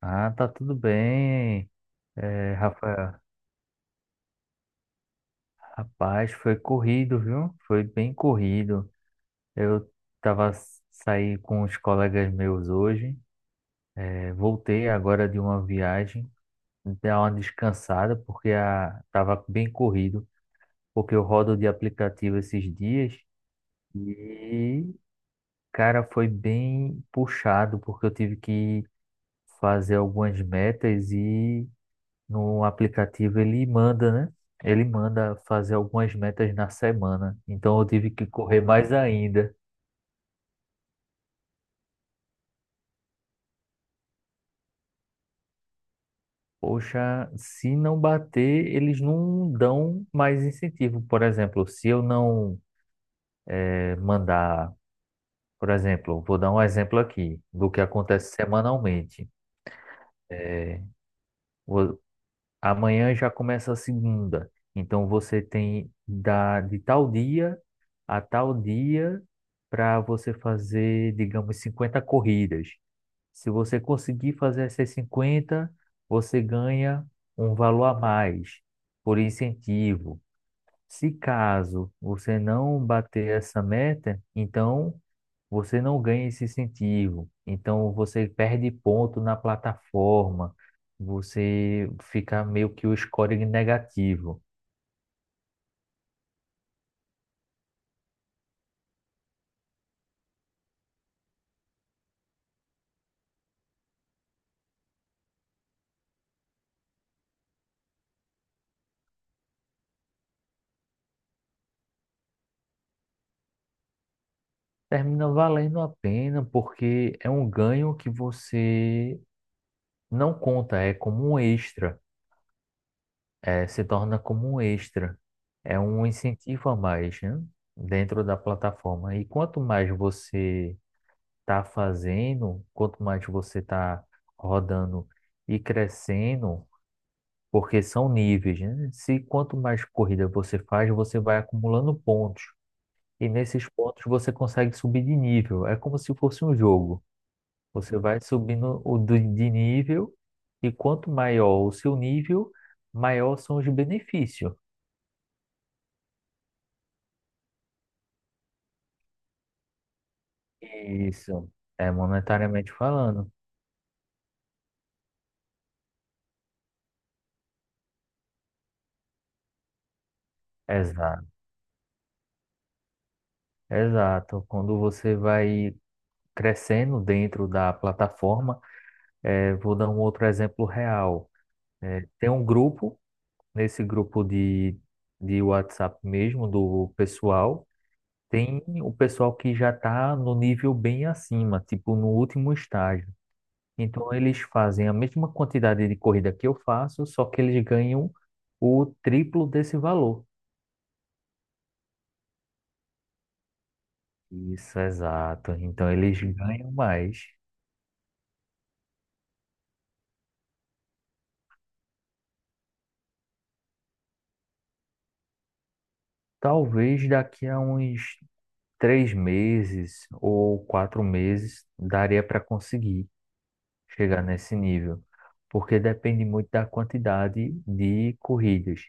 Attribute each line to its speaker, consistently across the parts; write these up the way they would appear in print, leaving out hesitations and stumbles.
Speaker 1: Ah, tá tudo bem, Rafael. Rapaz, foi corrido, viu? Foi bem corrido. Eu saí com os colegas meus hoje. Voltei agora de uma viagem, dar uma descansada porque tava bem corrido, porque eu rodo de aplicativo esses dias e cara, foi bem puxado porque eu tive que fazer algumas metas e no aplicativo ele manda, né? Ele manda fazer algumas metas na semana. Então eu tive que correr mais ainda. Poxa, se não bater, eles não dão mais incentivo. Por exemplo, se eu não mandar, por exemplo, vou dar um exemplo aqui do que acontece semanalmente. É, Vo- Amanhã já começa a segunda. Então você tem de tal dia a tal dia para você fazer, digamos, 50 corridas. Se você conseguir fazer essas 50, você ganha um valor a mais por incentivo. Se caso você não bater essa meta, então você não ganha esse incentivo. Então você perde ponto na plataforma, você fica meio que o scoring negativo. Termina valendo a pena porque é um ganho que você não conta, é como um extra, se torna como um extra, é um incentivo a mais, né, dentro da plataforma. E quanto mais você está fazendo, quanto mais você está rodando e crescendo, porque são níveis, né? Se quanto mais corrida você faz, você vai acumulando pontos. E nesses pontos você consegue subir de nível. É como se fosse um jogo. Você vai subindo o de nível e quanto maior o seu nível, maior são os benefícios. Isso, é monetariamente falando. Exato, exato. Quando você vai crescendo dentro da plataforma, vou dar um outro exemplo real. Tem um grupo, nesse grupo de WhatsApp mesmo, do pessoal, tem o pessoal que já está no nível bem acima, tipo no último estágio. Então eles fazem a mesma quantidade de corrida que eu faço, só que eles ganham o triplo desse valor. Isso, exato. Então eles ganham mais. Talvez daqui a uns 3 meses ou 4 meses daria para conseguir chegar nesse nível, porque depende muito da quantidade de corridas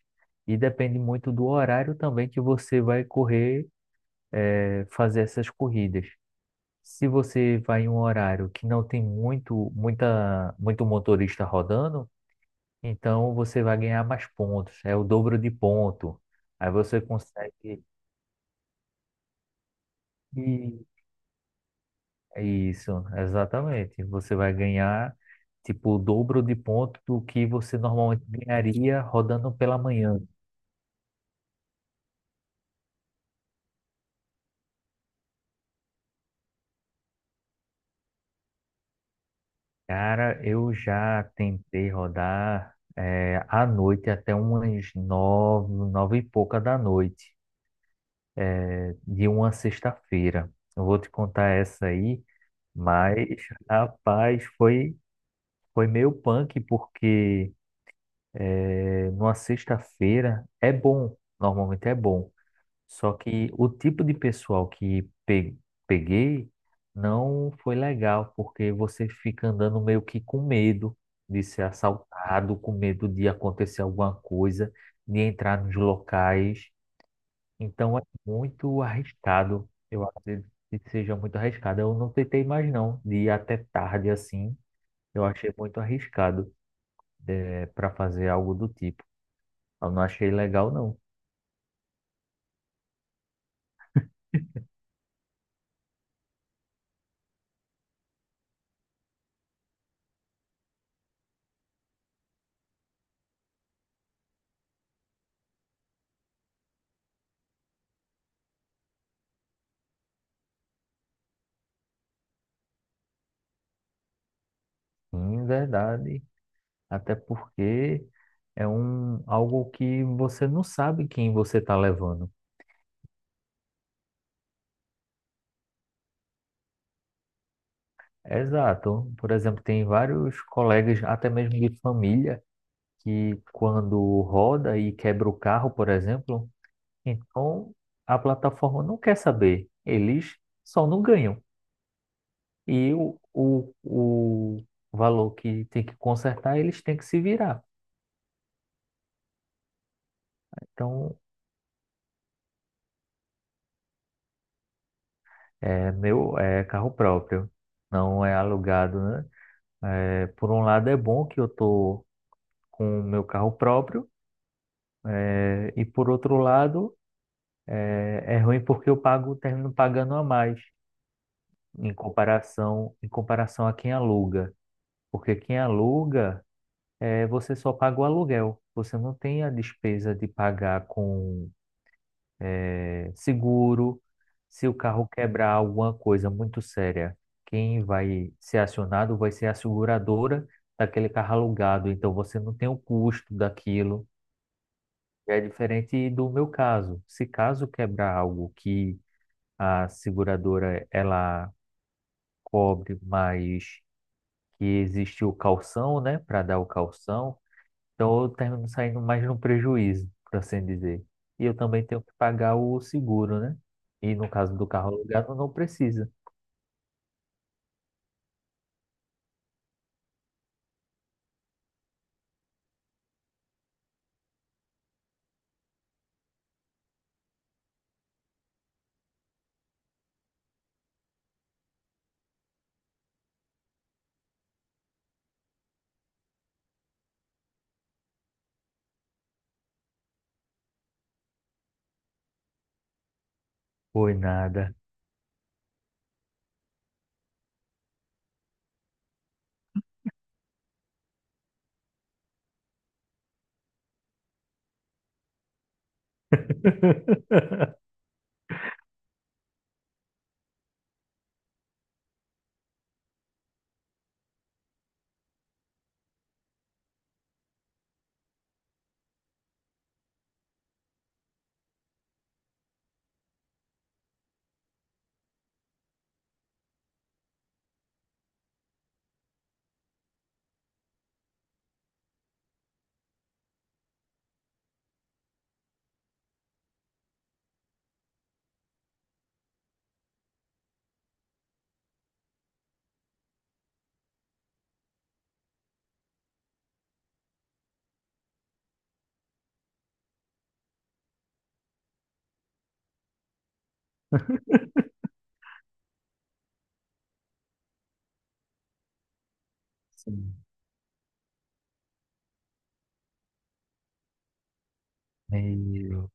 Speaker 1: e depende muito do horário também que você vai correr, fazer essas corridas. Se você vai em um horário que não tem muito, muita, muito motorista rodando, então você vai ganhar mais pontos. É o dobro de ponto. Aí você consegue. E- é isso, exatamente. Você vai ganhar tipo o dobro de ponto do que você normalmente ganharia rodando pela manhã. Cara, eu já tentei rodar à noite até umas nove e pouca da noite. De uma sexta-feira. Eu vou te contar essa aí, mas, rapaz, foi meio punk, porque numa sexta-feira é bom, normalmente é bom. Só que o tipo de pessoal que peguei não foi legal, porque você fica andando meio que com medo de ser assaltado, com medo de acontecer alguma coisa, de entrar nos locais. Então é muito arriscado. Eu acredito que seja muito arriscado. Eu não tentei mais não, de ir até tarde assim. Eu achei muito arriscado para fazer algo do tipo. Eu não achei legal não, em verdade. Até porque é um algo que você não sabe quem você está levando. Exato. Por exemplo, tem vários colegas, até mesmo de família, que quando roda e quebra o carro, por exemplo. Então, a plataforma não quer saber, eles só não ganham. E o valor que tem que consertar, eles têm que se virar. Então, é meu, é carro próprio, não é alugado, né? Por um lado é bom que eu tô com o meu carro próprio, e por outro lado é ruim porque eu pago, termino pagando a mais em comparação a quem aluga. Porque quem aluga você só paga o aluguel. Você não tem a despesa de pagar com seguro. Se o carro quebrar alguma coisa muito séria, quem vai ser acionado vai ser a seguradora daquele carro alugado. Então você não tem o custo daquilo. É diferente do meu caso. Se caso quebrar algo que a seguradora ela cobre, mas que existe o calção, né, para dar o calção. Então eu termino saindo mais no prejuízo, por assim dizer. E eu também tenho que pagar o seguro, né? E no caso do carro alugado, não precisa. Foi nada. Sim. Meu,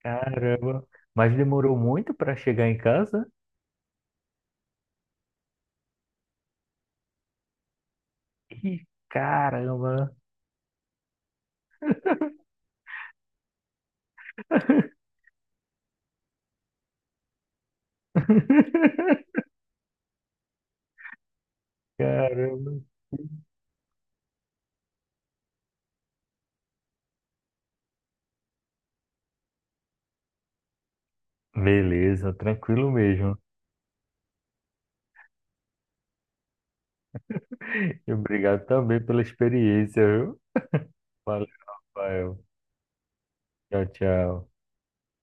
Speaker 1: caramba. Mas demorou muito para chegar em casa? Ih, caramba. Caramba. Beleza, tranquilo mesmo. E obrigado também pela experiência, viu? Valeu, Rafael. Tchau, tchau.